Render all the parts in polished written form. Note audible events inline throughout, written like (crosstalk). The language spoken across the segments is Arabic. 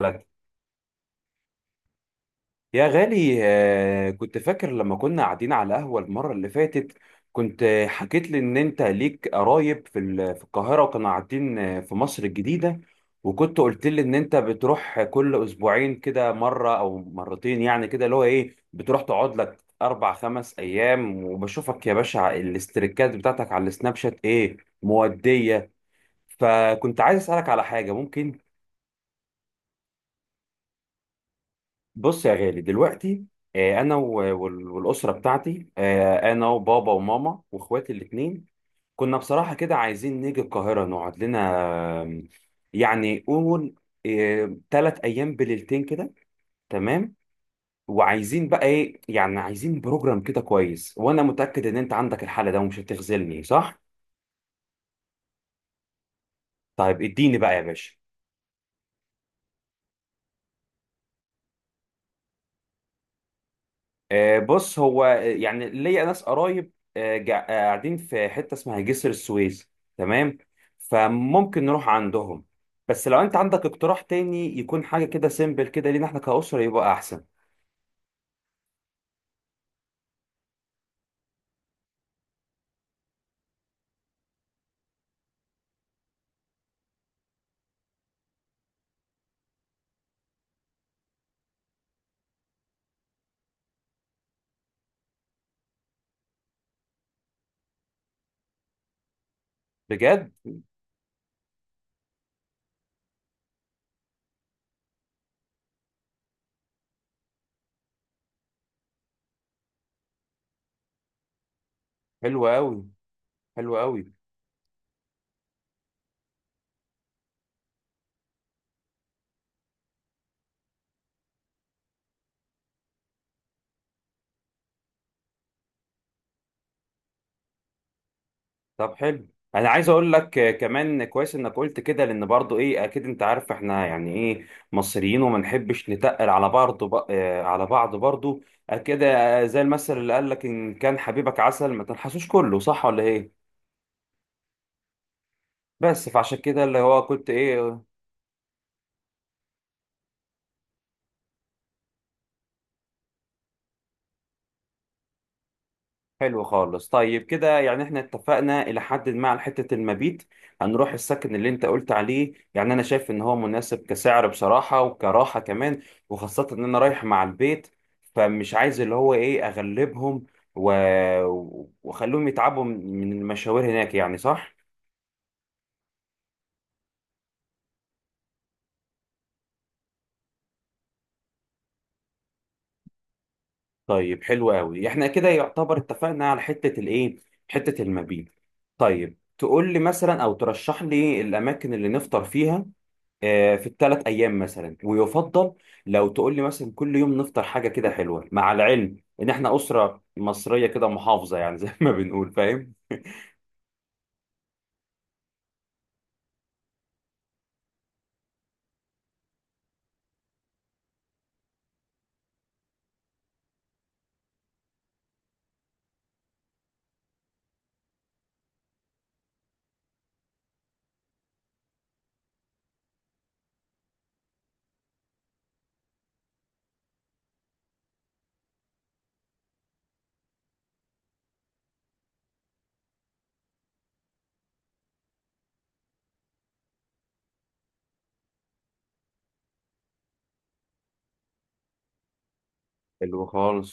لك يا غالي، كنت فاكر لما كنا قاعدين على قهوة المرة اللي فاتت. كنت حكيت لي إن أنت ليك قرايب في القاهرة وكانوا قاعدين في مصر الجديدة. وكنت قلت لي إن أنت بتروح كل أسبوعين كده مرة أو مرتين، يعني كده اللي هو إيه بتروح تقعد لك 4 5 أيام، وبشوفك يا باشا الاستريكات بتاعتك على السناب شات إيه مودية. فكنت عايز أسألك على حاجة، ممكن؟ بص يا غالي دلوقتي، انا والاسره بتاعتي، انا وبابا وماما واخواتي الاثنين كنا بصراحه كده عايزين نيجي القاهره نقعد لنا، آم، يعني قول 3 ايام بليلتين كده، تمام. وعايزين بقى ايه، يعني عايزين بروجرام كده كويس، وانا متاكد ان انت عندك الحاله ده ومش هتخذلني، صح؟ طيب اديني بقى يا باشا. بص هو يعني ليا ناس قرايب قاعدين في حته اسمها جسر السويس، تمام. فممكن نروح عندهم، بس لو انت عندك اقتراح تاني يكون حاجه كده سيمبل كده لينا احنا كأسره يبقى احسن. بجد؟ حلو قوي. حلو قوي. طب حلو. انا عايز اقول لك كمان كويس انك قلت كده، لان برضو ايه اكيد انت عارف احنا يعني ايه مصريين وما نحبش نتقل على بعض، ب... آه، على بعض برضو، كده. زي المثل اللي قال لك ان كان حبيبك عسل ما تنحسوش كله، صح ولا ايه؟ بس فعشان كده اللي هو كنت ايه. حلو خالص. طيب كده يعني احنا اتفقنا الى حد ما على حته المبيت. هنروح السكن اللي انت قلت عليه، يعني انا شايف ان هو مناسب كسعر بصراحه وكراحه كمان، وخاصه ان انا رايح مع البيت، فمش عايز اللي هو ايه اغلبهم و... واخليهم يتعبوا من المشاوير هناك، يعني صح. طيب حلو قوي. احنا كده يعتبر اتفقنا على حته الايه، حته المبيت. طيب تقول لي مثلا او ترشح لي الاماكن اللي نفطر فيها في الثلاث ايام مثلا. ويفضل لو تقول لي مثلا كل يوم نفطر حاجه كده حلوه، مع العلم ان احنا اسره مصريه كده محافظه يعني (laughs) زي ما بنقول، فاهم. حلو خالص.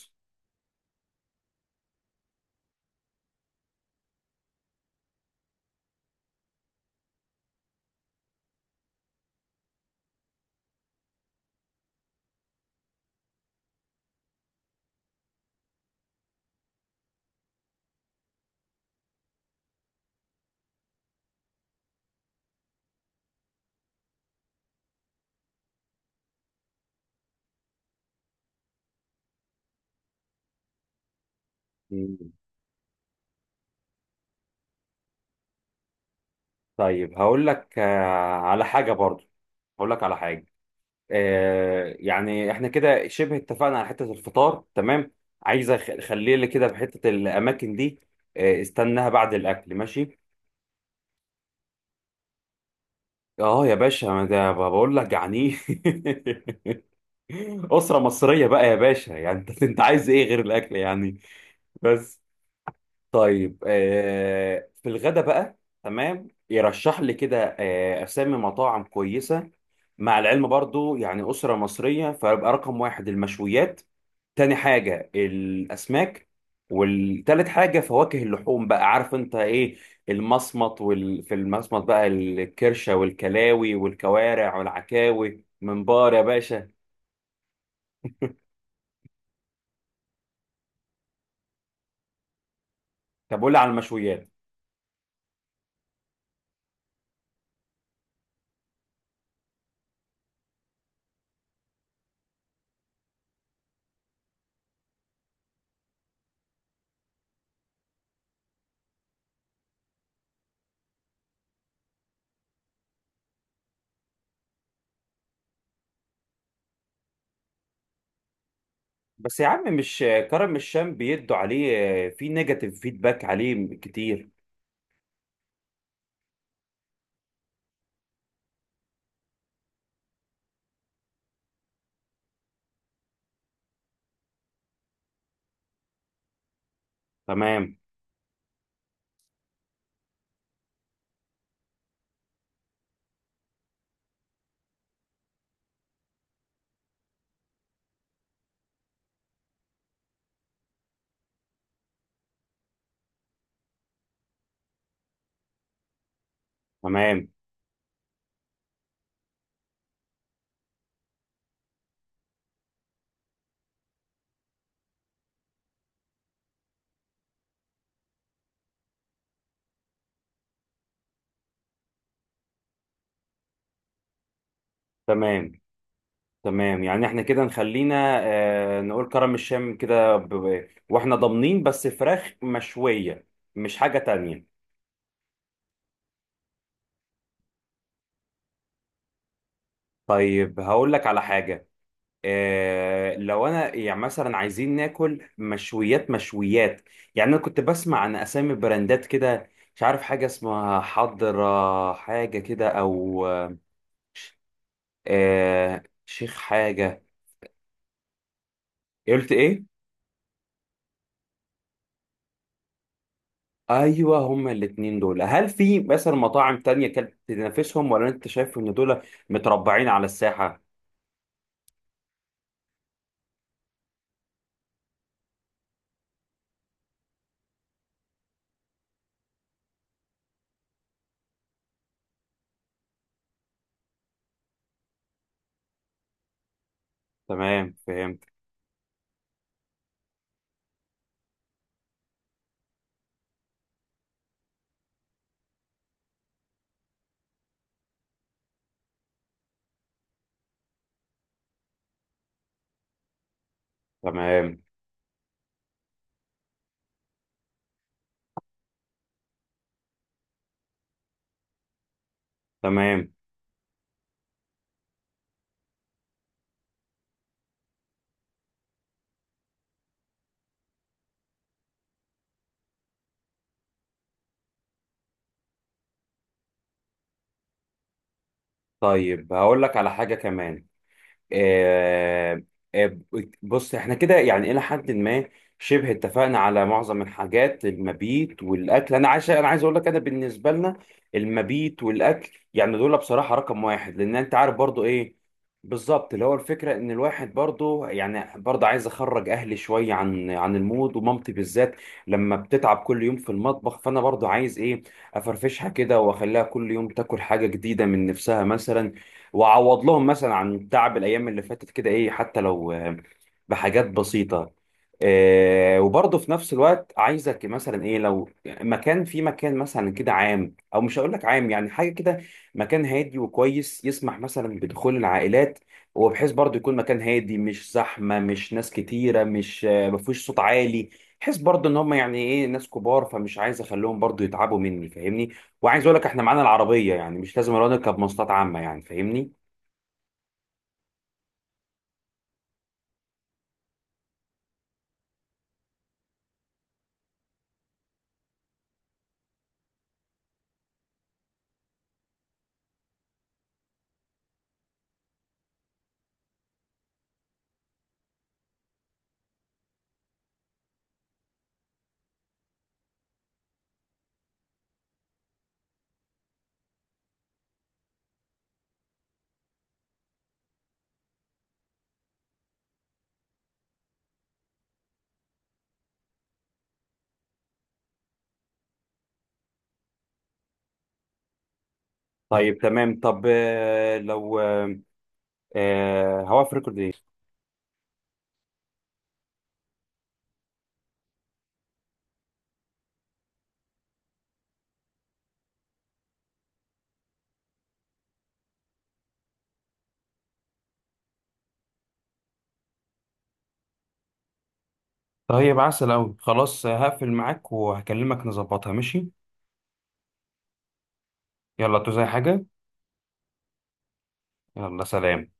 مم. طيب هقول لك على حاجه برضو. هقول لك على حاجه، يعني احنا كده شبه اتفقنا على حته الفطار، تمام. عايز اخليه لي كده في حته الاماكن دي، استناها بعد الاكل، ماشي. اه يا باشا، ما ده بقول لك جعانين. (laughs) أسرة مصرية بقى يا باشا، يعني انت (laughs) انت عايز ايه غير الاكل يعني، بس. طيب في الغدا بقى، تمام. يرشح لي كده اسامي مطاعم كويسة، مع العلم برضو يعني أسرة مصرية فيبقى رقم واحد المشويات، تاني حاجة الأسماك، والتالت حاجة فواكه اللحوم، بقى عارف انت ايه، المصمت في المصمت بقى الكرشة والكلاوي والكوارع والعكاوي منبار يا باشا. طب قول لي على المشويات. بس يا عم، مش كرم الشام بيدوا عليه؟ في نيجاتيف فيدباك عليه كتير. تمام. تمام. تمام. تمام، يعني احنا كده نخلينا نقول كرم الشام كده واحنا ضامنين بس فراخ مشوية، مش حاجة تانية. طيب هقول لك على حاجة، لو انا يعني مثلا عايزين ناكل مشويات مشويات، يعني انا كنت بسمع عن اسامي براندات كده، مش عارف حاجة اسمها حضرة حاجة كده، او شيخ حاجة. إيه قلت ايه؟ ايوه، هما الاتنين دول. هل في مثلا مطاعم تانية كانت تنافسهم، ولا انت شايف ان دول متربعين على الساحة؟ تمام، فهمت. تمام. تمام. طيب هقول لك على حاجة كمان، آه، آه، بص احنا كده يعني الى حد ما شبه اتفقنا على معظم الحاجات، المبيت والاكل. انا عايز اقول لك انا بالنسبه لنا المبيت والاكل يعني دول بصراحه رقم واحد، لان انت عارف برضو ايه، بالظبط. اللي هو الفكره ان الواحد برضو يعني برضو عايز اخرج اهلي شويه عن المود، ومامتي بالذات لما بتتعب كل يوم في المطبخ، فانا برضو عايز ايه افرفشها كده، واخليها كل يوم تاكل حاجه جديده من نفسها مثلا، واعوض لهم مثلا عن تعب الايام اللي فاتت كده، ايه حتى لو بحاجات بسيطه. وبرضه في نفس الوقت عايزك مثلا ايه، لو مكان في مكان مثلا كده عام، او مش هقول لك عام، يعني حاجه كده مكان هادي وكويس يسمح مثلا بدخول العائلات، وبحيث برضه يكون مكان هادي، مش زحمه، مش ناس كتيره، مش آه، ما فيهوش صوت عالي، بحيث برضه ان هم يعني ايه ناس كبار، فمش عايز اخليهم برضه يتعبوا مني، فاهمني. وعايز اقول لك احنا معانا العربيه، يعني مش لازم نركب مواصلات عامه، يعني فاهمني. طيب تمام. طب آه، لو آه، آه، هوقف ريكورد ايه. طيب عسل أوي، خلاص هقفل معاك وهكلمك نظبطها، ماشي. يلا، تو زي حاجة. يلا سلام.